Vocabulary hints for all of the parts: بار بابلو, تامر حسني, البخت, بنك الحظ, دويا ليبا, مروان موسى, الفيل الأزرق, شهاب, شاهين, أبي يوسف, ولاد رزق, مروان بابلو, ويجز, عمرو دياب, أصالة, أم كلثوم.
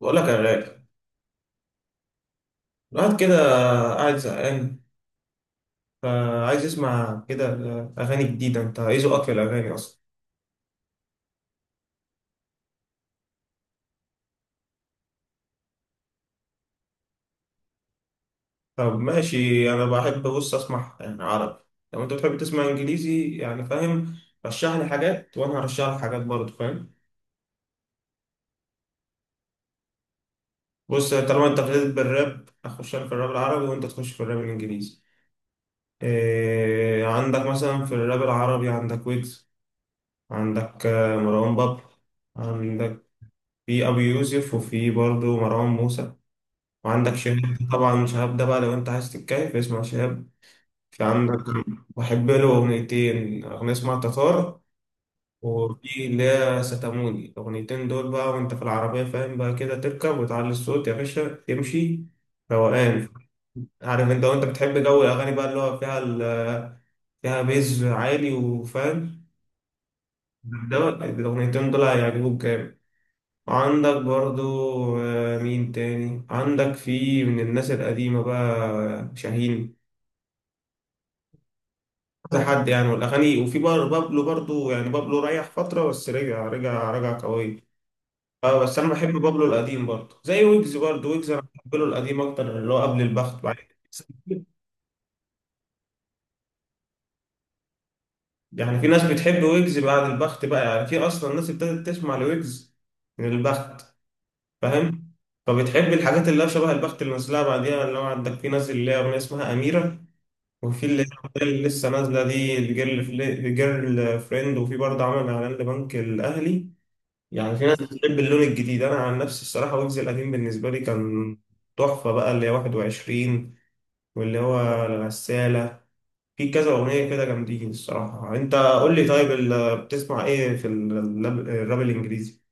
بقول لك يا غالي، الواحد كده قاعد زهقان، فعايز يسمع كده أغاني جديدة. أنت إيه ذوقك في الأغاني أصلا؟ طب ماشي، أنا بحب بص أسمع يعني عربي، لو أنت بتحب تسمع إنجليزي يعني فاهم، رشح لي حاجات وأنا هرشح لك حاجات برضه فاهم. بص طالما أنت ابتديت بالراب، أخش أنا في الراب العربي وأنت تخش في الراب الإنجليزي. إيه عندك مثلا في الراب العربي؟ عندك ويجز، عندك مروان بابلو، عندك في أبي يوسف، وفي برضه مروان موسى، وعندك شهاب. طبعا شهاب ده بقى لو انت عايز تتكيف اسمع شهاب. في عندك بحب له اغنيتين، اغنية اسمها تتار، وفي اللي هي ستاموني. الاغنيتين دول بقى، وانت في العربية فاهم بقى كده، تركب وتعلي الصوت يا باشا تمشي روقان. عارف انت وانت بتحب جو الاغاني بقى اللي هو فيها فيها بيز عالي وفاهم، ده الاغنيتين دول هيعجبوك جامد. عندك برضو مين تاني عندك في من الناس القديمة بقى؟ شاهين، كذا حد يعني، والاغاني. وفي بار بابلو برضو، يعني بابلو ريح فتره بس رجع، رجع رجع قوي. اه بس انا بحب بابلو القديم برضو، زي ويجز برضو، ويجز انا بحب له القديم اكتر، اللي هو قبل البخت بعد يعني في ناس بتحب ويجز بعد البخت بقى، يعني في اصلا ناس ابتدت تسمع لويجز من البخت فاهم، فبتحب الحاجات اللي هي شبه البخت اللي نزلها بعديها. اللي هو عندك في ناس اللي هي اغنيه اسمها اميره، وفي اللي هي اللي لسه نازله دي الجيرل، الجيرل فريند. وفي برضه عمل اعلان لبنك الاهلي. يعني في ناس بتحب اللون الجديد، انا عن نفسي الصراحه ويجز القديم بالنسبه لي كان تحفه بقى، اللي هي 21 واللي هو الغساله، في كذا اغنيه كده جامدين الصراحه. انت قول لي طيب، بتسمع ايه في الراب الانجليزي؟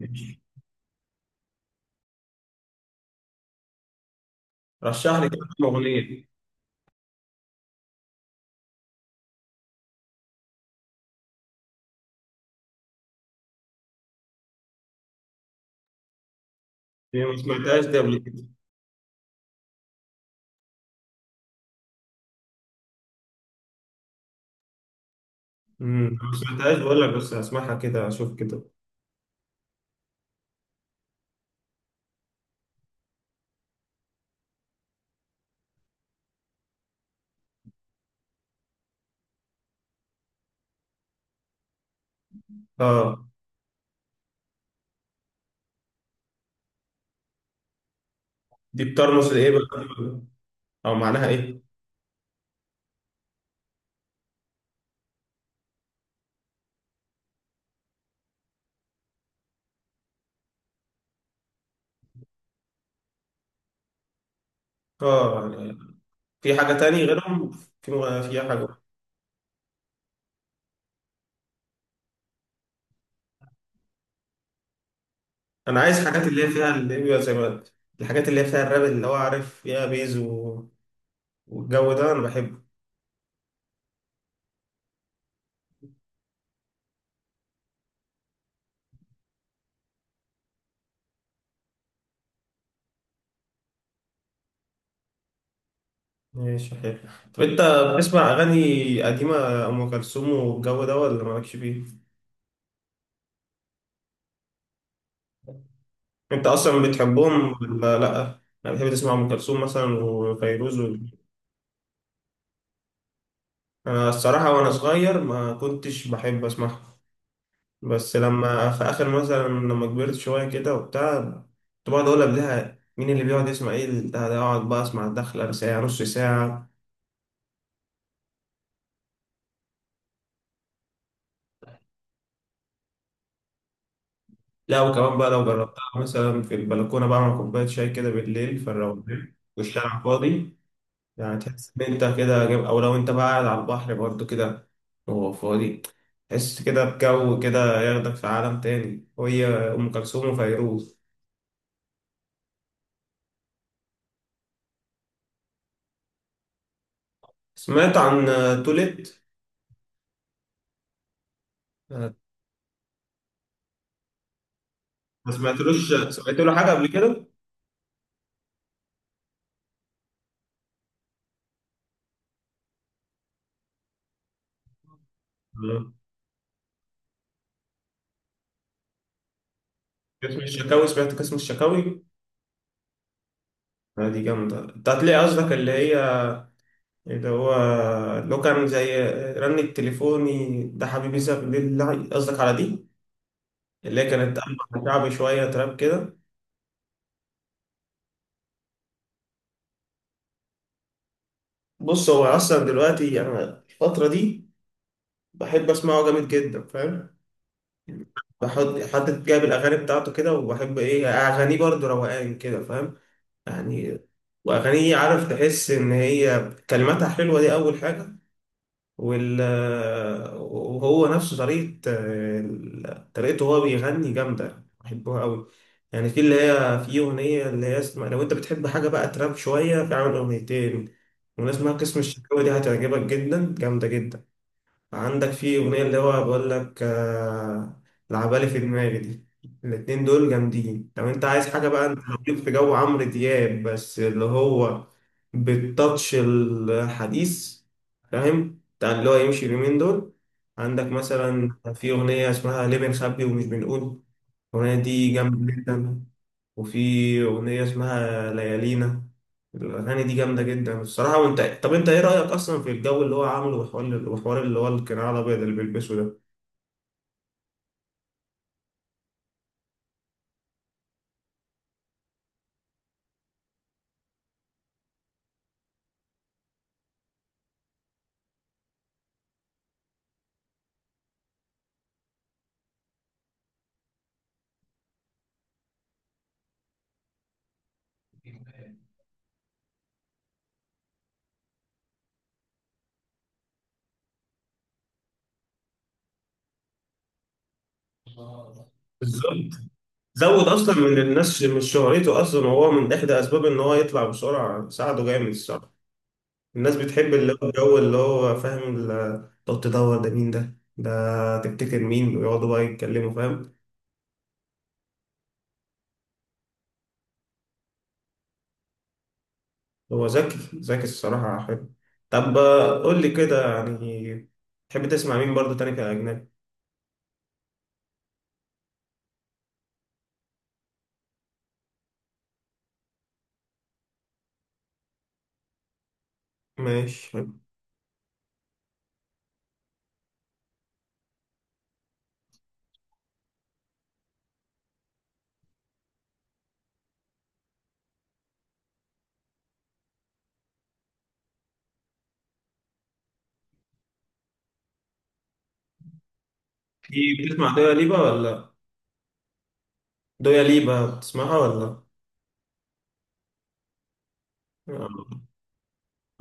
ماشي. رشح لي كده كام اغنيه دي، ما سمعتهاش دي قبل كده. ما سمعتهاش بقول لك، بس هسمعها كده اشوف كده. اه، دي بترمز لايه بقى او معناها ايه؟ اه يعني في حاجه تاني غيرهم؟ في في حاجه؟ انا عايز حاجات اللي هي فيها اللي هي زي ما قلت، الحاجات اللي هي فيها الراب اللي هو عارف فيها بيز والجو ده انا بحبه. ماشي حلو. طب انت بتسمع اغاني قديمه، ام كلثوم والجو ده ولا مالكش فيه؟ انت اصلا بتحبهم ولا لا؟ انا بحب اسمع ام كلثوم مثلا وفيروز و... انا الصراحه وانا صغير ما كنتش بحب اسمعها، بس لما في اخر مثلا لما كبرت شويه كده وبتاع، كنت بقعد اقول قبلها مين اللي بيقعد يسمع ايه ده ده اقعد بقى اسمع الدخله ساعه نص ساعه. لا وكمان بقى لو جربتها مثلا في البلكونة، بعمل كوباية شاي كده بالليل في الروقان والشارع فاضي، يعني تحس إن أنت كده أو لو أنت بقى قاعد على البحر برضو كده وهو فاضي، تحس كده بجو كده ياخدك في عالم تاني، وهي أم كلثوم وفيروز. سمعت عن توليت؟ آه، ما سمعتلوش، سمعت له حاجة قبل كده؟ آه. قسم الشكاوي، سمعت قسم الشكاوي؟ دي جامدة. أنت هتلاقي قصدك اللي هي اللي هو لو كان زي رن التليفوني ده حبيبي ساب لله، قصدك على دي اللي هي كانت ألحان شعبي شوية تراب كده. بص هو أصلا دلوقتي أنا الفترة دي بحب أسمعه جامد جدا فاهم، بحط حد جايب الأغاني بتاعته كده، وبحب إيه أغانيه برضه روقان كده فاهم يعني، وأغانيه عارف تحس إن هي كلماتها حلوة دي أول حاجة، وال وهو نفسه طريقة، طريقته وهو بيغني جامدة بحبها قوي. يعني في اللي هي في أغنية اللي هي اسمها لو أنت بتحب حاجة بقى تراب شوية، في عامل أغنيتين وناس اسمها قسم الشكاوي، دي هتعجبك جدا جامدة جدا. عندك في أغنية اللي هو بقول لك العبالي في دماغي دي، الاتنين دول جامدين. لو انت عايز حاجة بقى، انت ليك في جو عمرو دياب بس اللي هو بالتاتش الحديث فاهم، بتاع اللي هو يمشي اليومين دول، عندك مثلا في أغنية اسمها ليه بنخبي ومش بنقول، الأغنية دي جامدة جدا. وفي أغنية اسمها ليالينا. الأغاني دي جامدة جدا الصراحة. وأنت طب أنت إيه رأيك أصلا في الجو اللي هو عامله، وحوار وحوار اللي هو القناع الأبيض اللي بيلبسه ده؟ بالظبط، زود أصلا من الناس مش شهرته أصلا، وهو من إحدى أسباب إن هو يطلع بسرعة ساعده جامد الصراحة. الناس بتحب اللي هو الجو اللي هو فاهم تقعد تدور ده مين ده؟ ده تفتكر مين؟ ويقعدوا بقى يتكلموا فاهم. هو ذكي ذكي الصراحة، حلو. طب قول لي كده يعني، تحب تسمع مين برضو تاني كأجنبي؟ ماشي حلو. في بتسمع دويا ليبا ولا، دويا ليبا بتسمعها ولا؟ آه،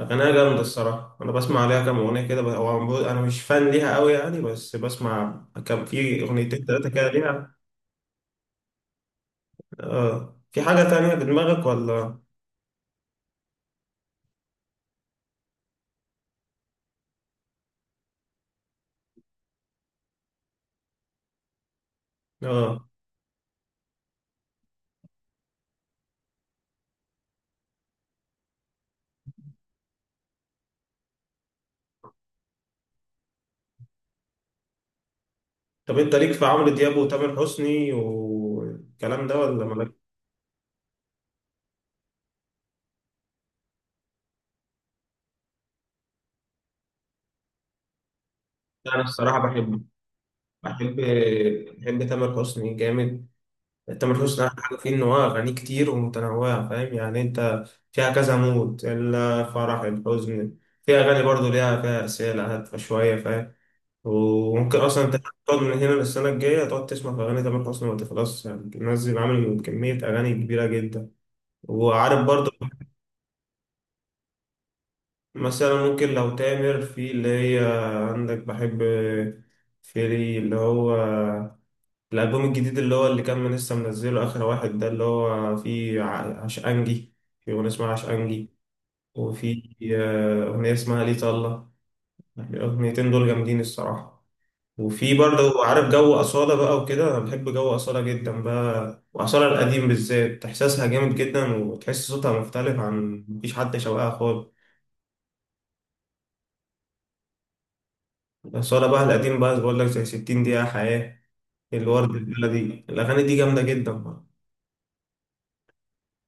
أغانيها جامدة الصراحة، أنا بسمع عليها كام أغنية كده، أنا مش فان ليها أوي يعني، بس بسمع كام في أغنيتين تلاتة كده ليها. آه في حاجة تانية في دماغك ولا؟ آه. طب أنت ليك في عمرو دياب وتامر حسني والكلام ده ولا مالك؟ أنا الصراحة بحب، بحب بحب تامر حسني جامد. تامر حسني أحلى حاجة فيه إن هو أغانيه كتير ومتنوعة فاهم يعني، أنت فيها كذا مود، الفرح الحزن، في أغاني برضه ليها فيها رسالة هادفة شوية فاهم، وممكن أصلا أنت تقعد من هنا للسنة الجاية تقعد تسمع في أغاني تامر حسني ما تخلصش، يعني منزل عامل كمية أغاني كبيرة جدا وعارف برضه. مثلا ممكن لو تامر في اللي هي عندك بحب، في اللي هو الألبوم الجديد اللي هو اللي كان من لسه منزله آخر واحد ده، اللي هو فيه عشقانجي، في أغنية اسمها عشقانجي، وفي أغنية اسمها ليه طلة، الأغنيتين دول جامدين الصراحة. وفي برضه عارف جو أصالة بقى وكده، أنا بحب جو أصالة جدا بقى، وأصالة القديم بالذات إحساسها جامد جدا، وتحس صوتها مختلف عن، مفيش حد شبهها خالص. أصالة بقى القديم بقى بقول لك زي 60 دقيقة حياة، الورد البلدي، الأغاني دي جامدة جدا.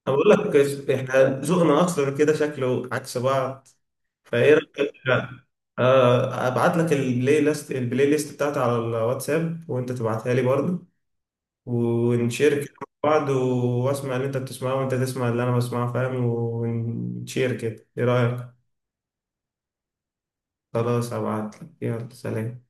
أنا بقول لك احنا ذوقنا اصلا كده شكله عكس بعض، فايه رايك بقى؟ ابعت لك البلاي ليست، البلاي ليست بتاعتي على الواتساب وانت تبعتها لي برضه، ونشير كده مع بعض، واسمع اللي انت بتسمعه وانت تسمع اللي انا بسمعه فاهم، ونشير كده ايه رايك؟ خلاص هبعت لك، يلا سلام.